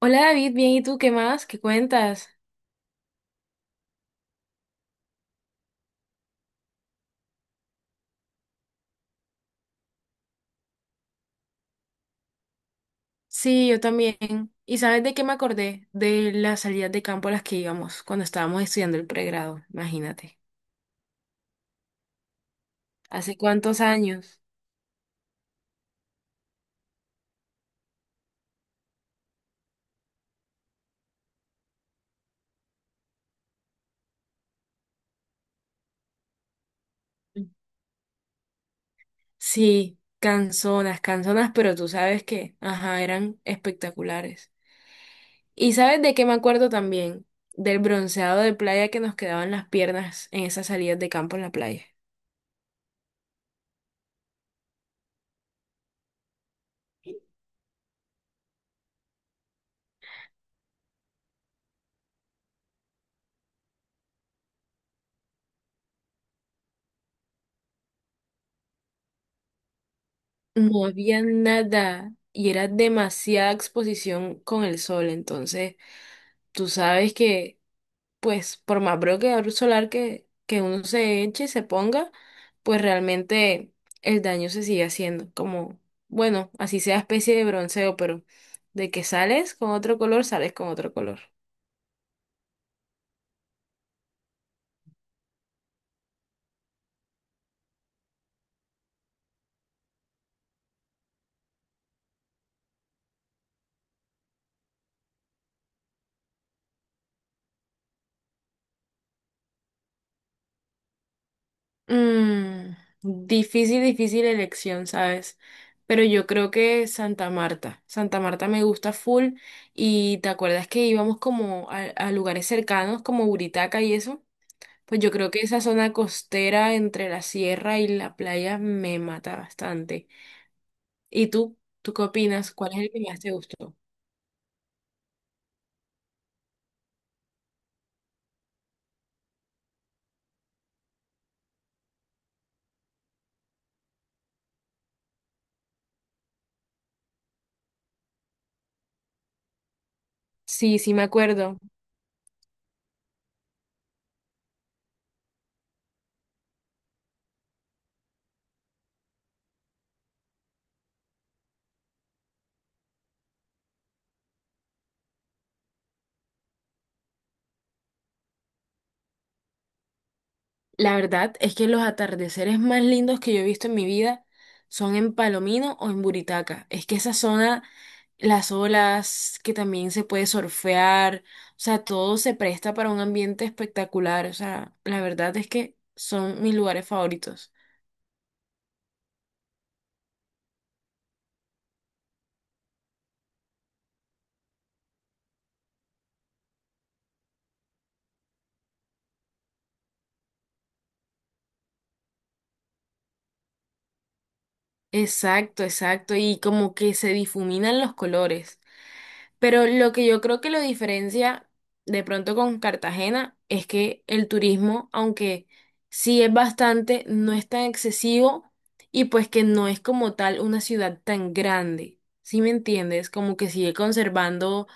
Hola David, bien, ¿y tú qué más? ¿Qué cuentas? Sí, yo también. ¿Y sabes de qué me acordé? De las salidas de campo a las que íbamos cuando estábamos estudiando el pregrado, imagínate. ¿Hace cuántos años? Sí, canzonas, canzonas, pero tú sabes que, ajá, eran espectaculares. ¿Y sabes de qué me acuerdo también? Del bronceado de playa que nos quedaban las piernas en esas salidas de campo en la playa. No había nada y era demasiada exposición con el sol, entonces tú sabes que, pues, por más bloqueador solar que uno se eche, se ponga, pues realmente el daño se sigue haciendo. Como, bueno, así sea especie de bronceo, pero de que sales con otro color, sales con otro color. Mm, difícil, difícil elección, ¿sabes? Pero yo creo que Santa Marta. Santa Marta me gusta full. Y te acuerdas que íbamos como a lugares cercanos, como Buritaca y eso. Pues yo creo que esa zona costera entre la sierra y la playa me mata bastante. ¿Y tú? ¿Tú qué opinas? ¿Cuál es el que más te gustó? Sí, sí me acuerdo. La verdad es que los atardeceres más lindos que yo he visto en mi vida son en Palomino o en Buritaca. Es que esa zona, las olas, que también se puede surfear, o sea, todo se presta para un ambiente espectacular. O sea, la verdad es que son mis lugares favoritos. Exacto, exacto, y como que se difuminan los colores. Pero lo que yo creo que lo diferencia de pronto con Cartagena es que el turismo, aunque sí es bastante, no es tan excesivo y pues que no es como tal una ciudad tan grande. ¿Sí me entiendes? Como que sigue conservando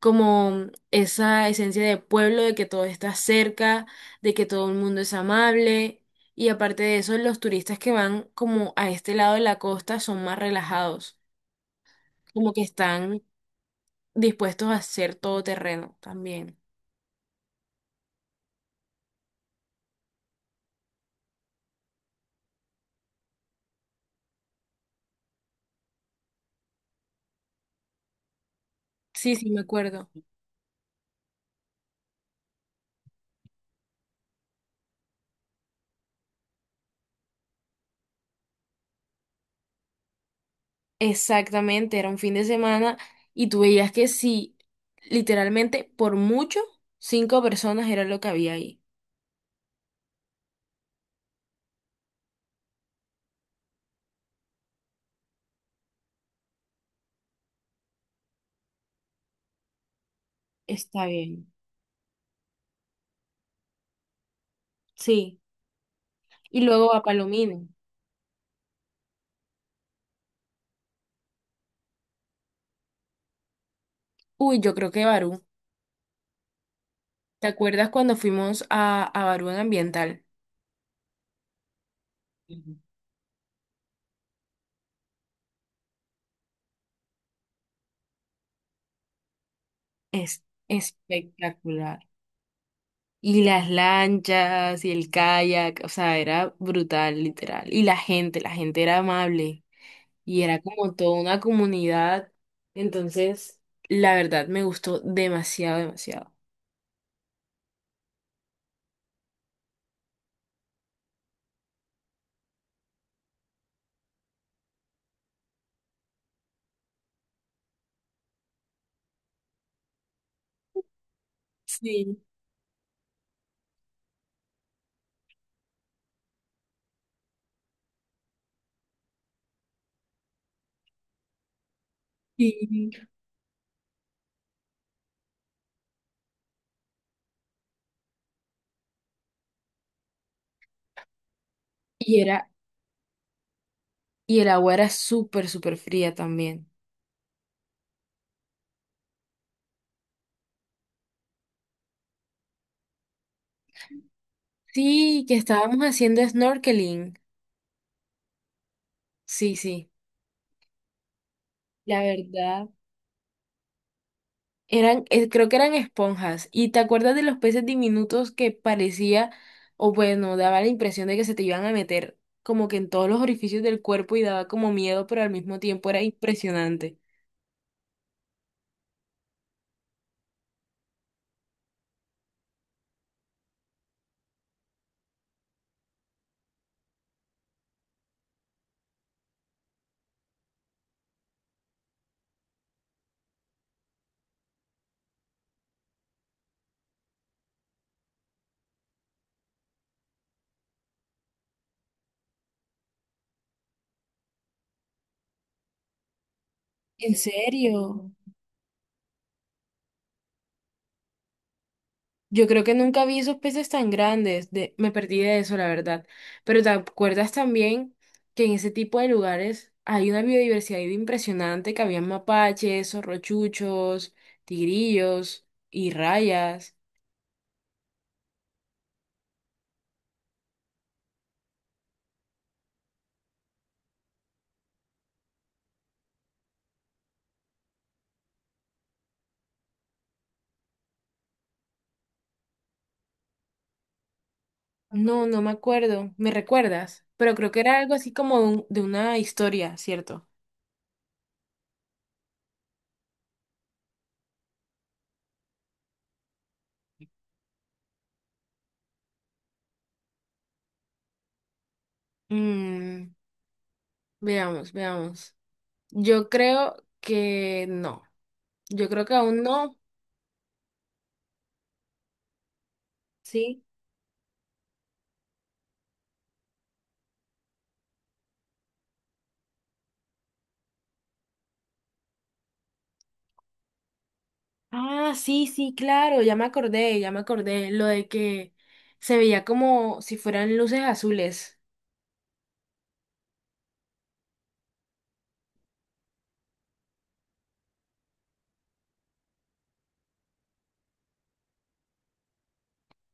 como esa esencia de pueblo, de que todo está cerca, de que todo el mundo es amable. Y aparte de eso, los turistas que van como a este lado de la costa son más relajados, como que están dispuestos a hacer todo terreno también. Sí, sí, me acuerdo. Exactamente, era un fin de semana y tú veías que sí, literalmente por mucho, 5 personas era lo que había ahí. Está bien. Sí. Y luego a Palomino. Uy, yo creo que Barú. ¿Te acuerdas cuando fuimos a Barú en Ambiental? Ujú. Es espectacular. Y las lanchas y el kayak, o sea, era brutal, literal. Y la gente era amable y era como toda una comunidad. Entonces, la verdad me gustó demasiado, demasiado. Sí, sí. Y era, y el agua era súper, súper fría también. Sí, que estábamos haciendo snorkeling. Sí, sí. La verdad. Eran, creo que eran esponjas. ¿Y te acuerdas de los peces diminutos que parecía, o bueno, daba la impresión de que se te iban a meter como que en todos los orificios del cuerpo y daba como miedo, pero al mismo tiempo era impresionante? ¿En serio? Yo creo que nunca vi esos peces tan grandes, de, me perdí de eso, la verdad. Pero ¿te acuerdas también que en ese tipo de lugares hay una biodiversidad impresionante, que había mapaches, zorrochuchos, tigrillos y rayas? No, no me acuerdo. ¿Me recuerdas? Pero creo que era algo así como de, un- de una historia, ¿cierto? Mm, veamos, veamos. Yo creo que no. Yo creo que aún no. Sí. Ah, sí, sí, claro. Ya me acordé, ya me acordé. Lo de que se veía como si fueran luces azules.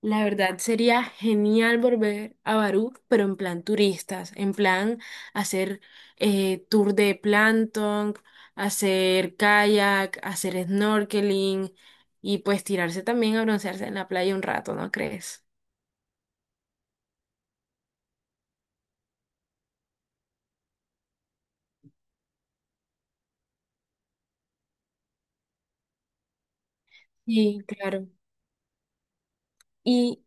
La verdad sería genial volver a Barú, pero en plan turistas, en plan hacer tour de plancton, hacer kayak, hacer snorkeling y pues tirarse también a broncearse en la playa un rato, ¿no crees? Sí, claro. Y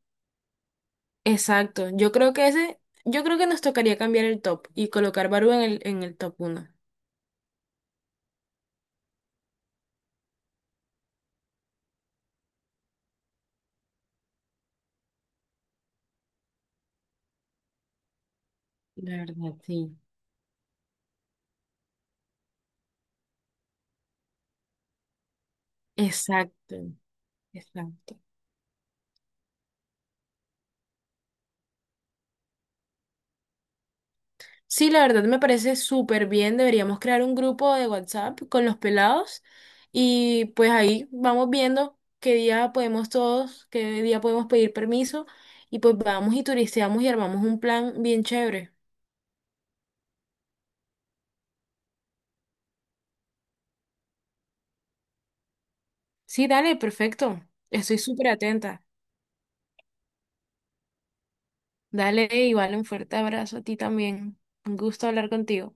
exacto, yo creo que ese, yo creo que nos tocaría cambiar el top y colocar Barú en el top 1. La verdad, sí. Exacto, exacto. Sí, la verdad me parece súper bien. Deberíamos crear un grupo de WhatsApp con los pelados y pues ahí vamos viendo qué día podemos todos, qué día podemos pedir permiso y pues vamos y turisteamos y armamos un plan bien chévere. Sí, dale, perfecto. Estoy súper atenta. Dale, igual un fuerte abrazo a ti también. Un gusto hablar contigo.